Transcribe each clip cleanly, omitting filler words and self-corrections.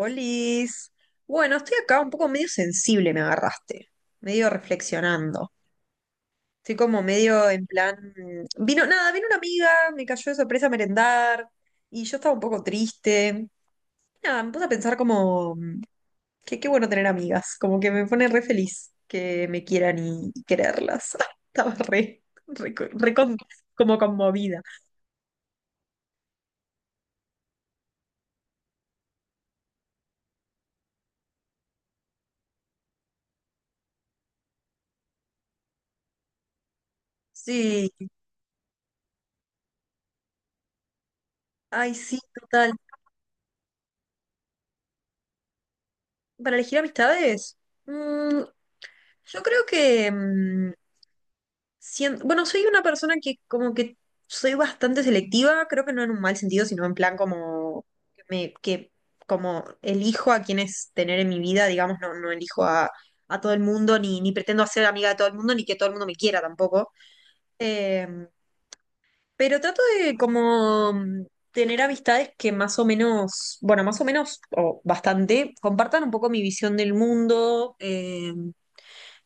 Olis. Bueno, estoy acá un poco medio sensible, me agarraste, medio reflexionando. Estoy como medio en plan, vino nada, vino una amiga, me cayó de sorpresa a merendar y yo estaba un poco triste. Nada, me puse a pensar como que qué bueno tener amigas, como que me pone re feliz que me quieran y quererlas. Estaba re, como conmovida. Sí, ay, sí, total. Para elegir amistades, mm, yo creo que... bueno, soy una persona que como que soy bastante selectiva, creo que no en un mal sentido, sino en plan como que como elijo a quienes tener en mi vida, digamos, no elijo a todo el mundo, ni pretendo ser amiga de todo el mundo, ni que todo el mundo me quiera tampoco. Eh, pero trato de como tener amistades que más o menos, bueno, más o menos, o bastante, compartan un poco mi visión del mundo.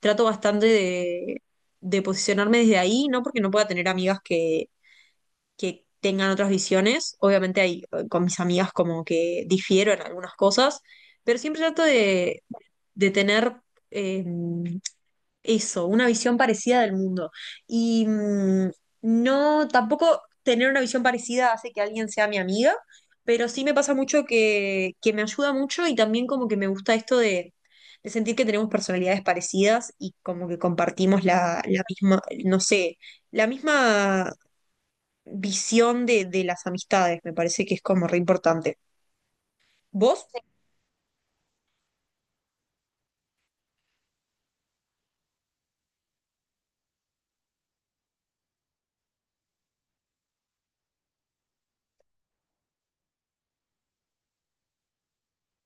Trato bastante de posicionarme desde ahí, no porque no pueda tener amigas que tengan otras visiones, obviamente hay, con mis amigas como que difiero en algunas cosas, pero siempre trato de tener eh, eso, una visión parecida del mundo. Y mm, no, tampoco tener una visión parecida hace que alguien sea mi amiga, pero sí me pasa mucho que me ayuda mucho y también como que me gusta esto de sentir que tenemos personalidades parecidas y como que compartimos la misma, no sé, la misma visión de las amistades. Me parece que es como re importante. ¿Vos? Sí.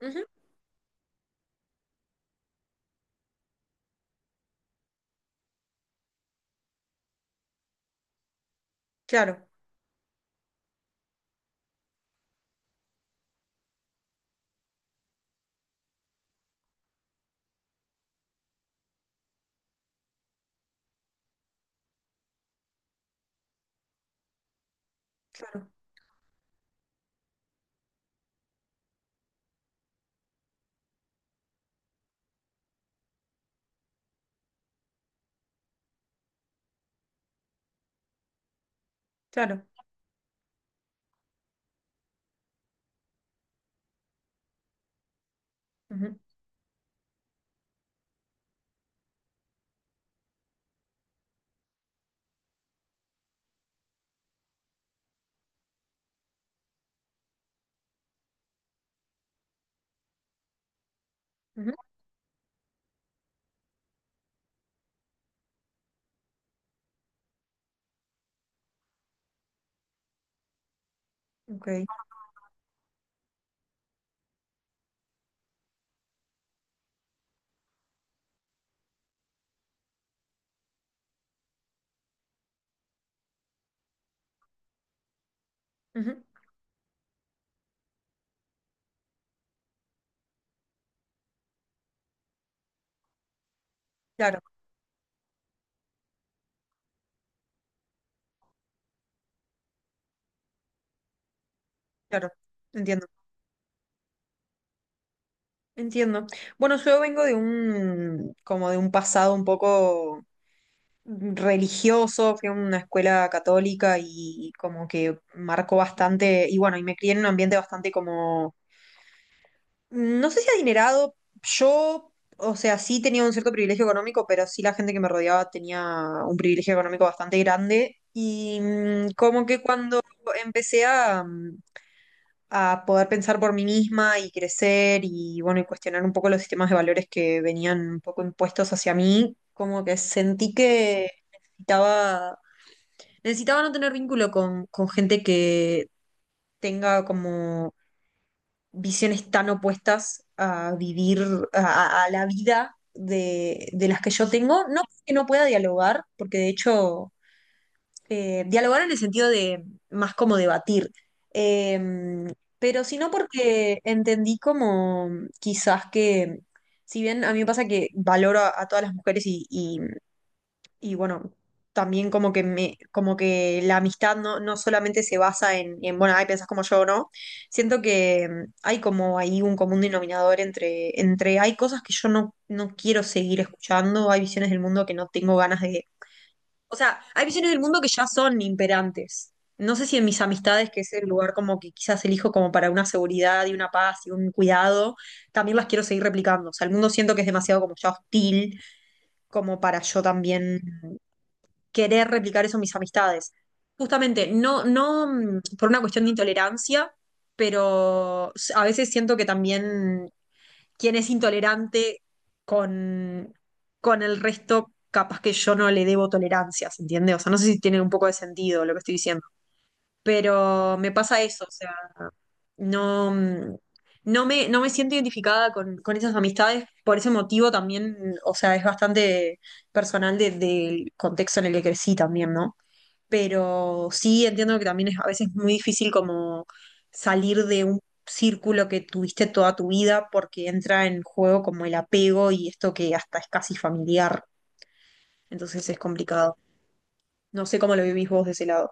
Ujú, claro, claro, claro. Ujú, ujú, ok, ujú, claro, claro. Entiendo. Entiendo. Bueno, yo vengo de un, como de un pasado un poco religioso, fui a una escuela católica y como que marcó bastante, y bueno, y me crié en un ambiente bastante como, no sé si adinerado, yo, o sea, sí tenía un cierto privilegio económico, pero sí la gente que me rodeaba tenía un privilegio económico bastante grande, y mm, como que cuando empecé a poder pensar por mí misma y crecer y bueno, y cuestionar un poco los sistemas de valores que venían un poco impuestos hacia mí, como que sentí que necesitaba, necesitaba no tener vínculo con gente que tenga como visiones tan opuestas a vivir, a la vida de las que yo tengo, no que no pueda dialogar, porque de hecho dialogar en el sentido de más como debatir, Em, pero sino porque entendí como quizás que, si bien a mí me pasa que valoro a todas las mujeres y bueno, también como que me, como que la amistad no, no solamente se basa en, bueno, ay, pensás como yo, ¿no? Siento que em, hay como ahí un común denominador entre hay cosas que yo no quiero seguir escuchando, hay visiones del mundo que no tengo ganas o sea, hay visiones del mundo que ya son imperantes. No sé si en mis amistades, que es el lugar como que quizás elijo como para una seguridad y una paz y un cuidado, también las quiero seguir replicando. O sea, el mundo siento que es demasiado como ya hostil, como para yo también querer replicar eso en mis amistades. Justamente, no, no mm, por una cuestión de intolerancia, pero s- a veces siento que también quien es intolerante con, con el resto, capaz que yo no le debo tolerancias, entiende. O sea, no sé si tiene un poco de sentido lo que estoy diciendo, pero me pasa eso, o sea, no, mm, no me siento identificada con esas amistades, por ese motivo también, o sea, es bastante personal del contexto en el que crecí también, ¿no? Pero sí entiendo que también es a veces muy difícil como salir de un círculo que tuviste toda tu vida porque entra en juego como el apego y esto que hasta es casi familiar, entonces es complicado. No sé cómo lo vivís vos de ese lado.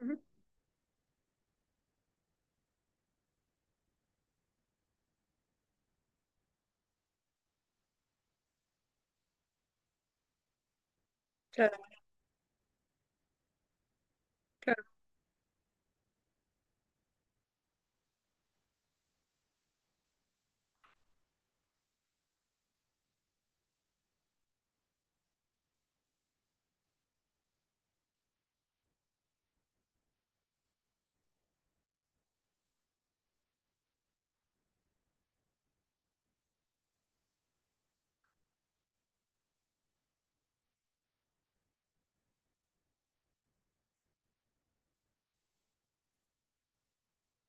Ujú, claro, claro.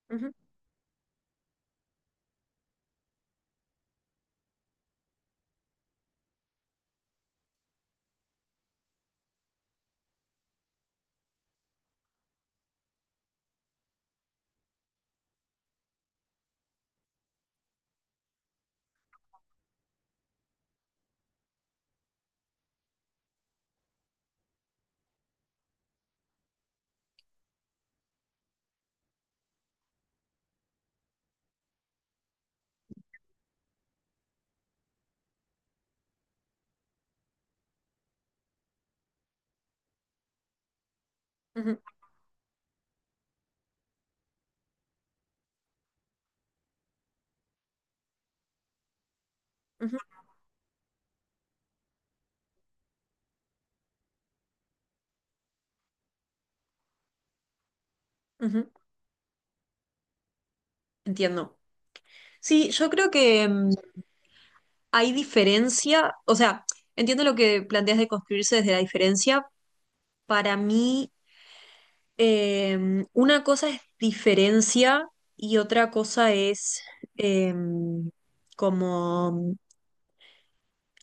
Ujú, ujú, ujú, ujú. Entiendo. Sí, yo creo que mm, hay diferencia, o sea, entiendo lo que planteas de construirse desde la diferencia. Para mí, em, una cosa es diferencia y otra cosa es em, como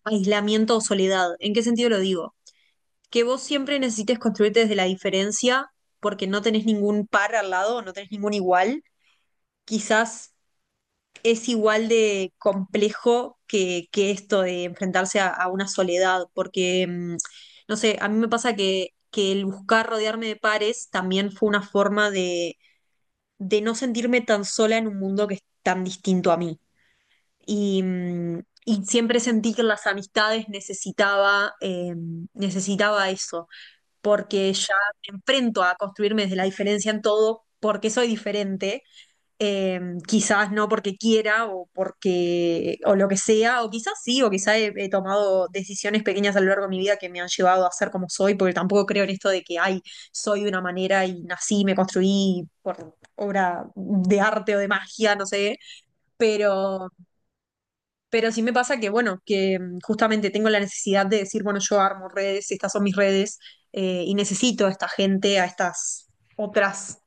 aislamiento o soledad. ¿En qué sentido lo digo? Que vos siempre necesites construirte desde la diferencia porque no tenés ningún par al lado, no tenés ningún igual. Quizás es igual de complejo que esto de enfrentarse a una soledad, porque, em, no sé, a mí me pasa que el buscar rodearme de pares también fue una forma de no sentirme tan sola en un mundo que es tan distinto a mí. Y, mm, y siempre sentí que las amistades necesitaba, necesitaba eso, porque ya me enfrento a construirme desde la diferencia en todo, porque soy diferente eh, quizás no porque quiera o porque o lo que sea, o quizás sí, o quizás he tomado decisiones pequeñas a lo largo de mi vida que me han llevado a ser como soy, porque tampoco creo en esto de que, ay, soy de una manera y nací, me construí por obra de arte o de magia, no sé, pero pero sí me pasa que, bueno, que mm, justamente tengo la necesidad de decir, bueno, yo armo redes, estas son mis redes, y necesito a esta gente, a estas otras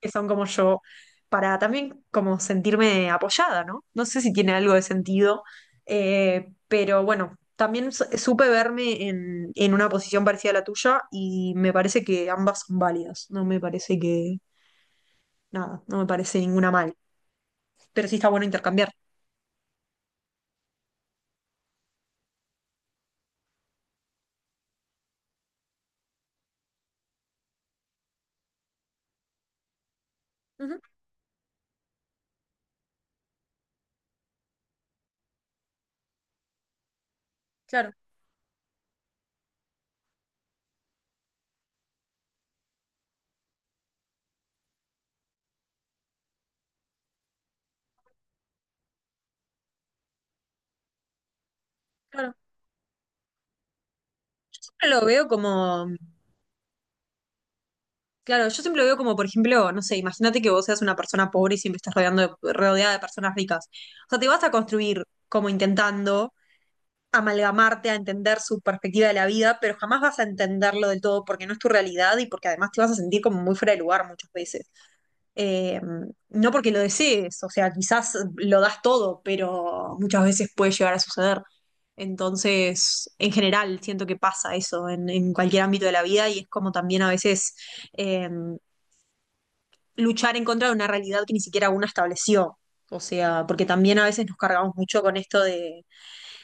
que son como yo, para también como sentirme apoyada, ¿no? No sé si tiene algo de sentido, pero bueno, también supe verme en una posición parecida a la tuya y me parece que ambas son válidas, no me parece que, nada, no me parece ninguna mal, pero sí está bueno intercambiar. Ujú, claro, claro. Siempre lo veo como claro, yo siempre lo veo como, por ejemplo, no sé, imagínate que vos seas una persona pobre y siempre estás rodeando rodeada de personas ricas. O sea, te vas a construir como intentando amalgamarte a entender su perspectiva de la vida, pero jamás vas a entenderlo del todo porque no es tu realidad y porque además te vas a sentir como muy fuera de lugar muchas veces. Eh, no porque lo desees, o sea, quizás lo das todo, pero muchas veces puede llegar a suceder. Entonces, en general, siento que pasa eso en cualquier ámbito de la vida y es como también a veces... eh, luchar en contra de una realidad que ni siquiera una estableció. O sea, porque también a veces nos cargamos mucho con esto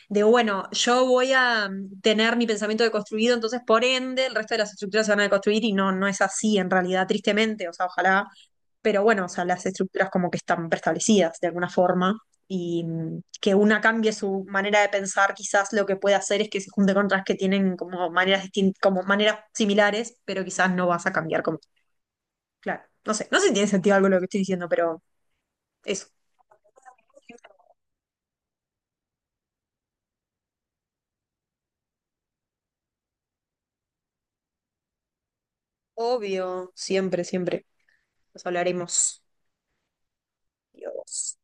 de, bueno, yo voy a tener mi pensamiento deconstruido, entonces por ende el resto de las estructuras se van a deconstruir y no, no es así en realidad, tristemente, o sea, ojalá, pero bueno, o sea, las estructuras como que están preestablecidas de alguna forma y mm, que una cambie su manera de pensar, quizás lo que puede hacer es que se junte con otras que tienen como maneras como maneras similares, pero quizás no vas a cambiar como claro. No sé, no sé si tiene sentido algo lo que estoy diciendo, pero eso. Obvio, siempre, siempre. Nos hablaremos. Dios.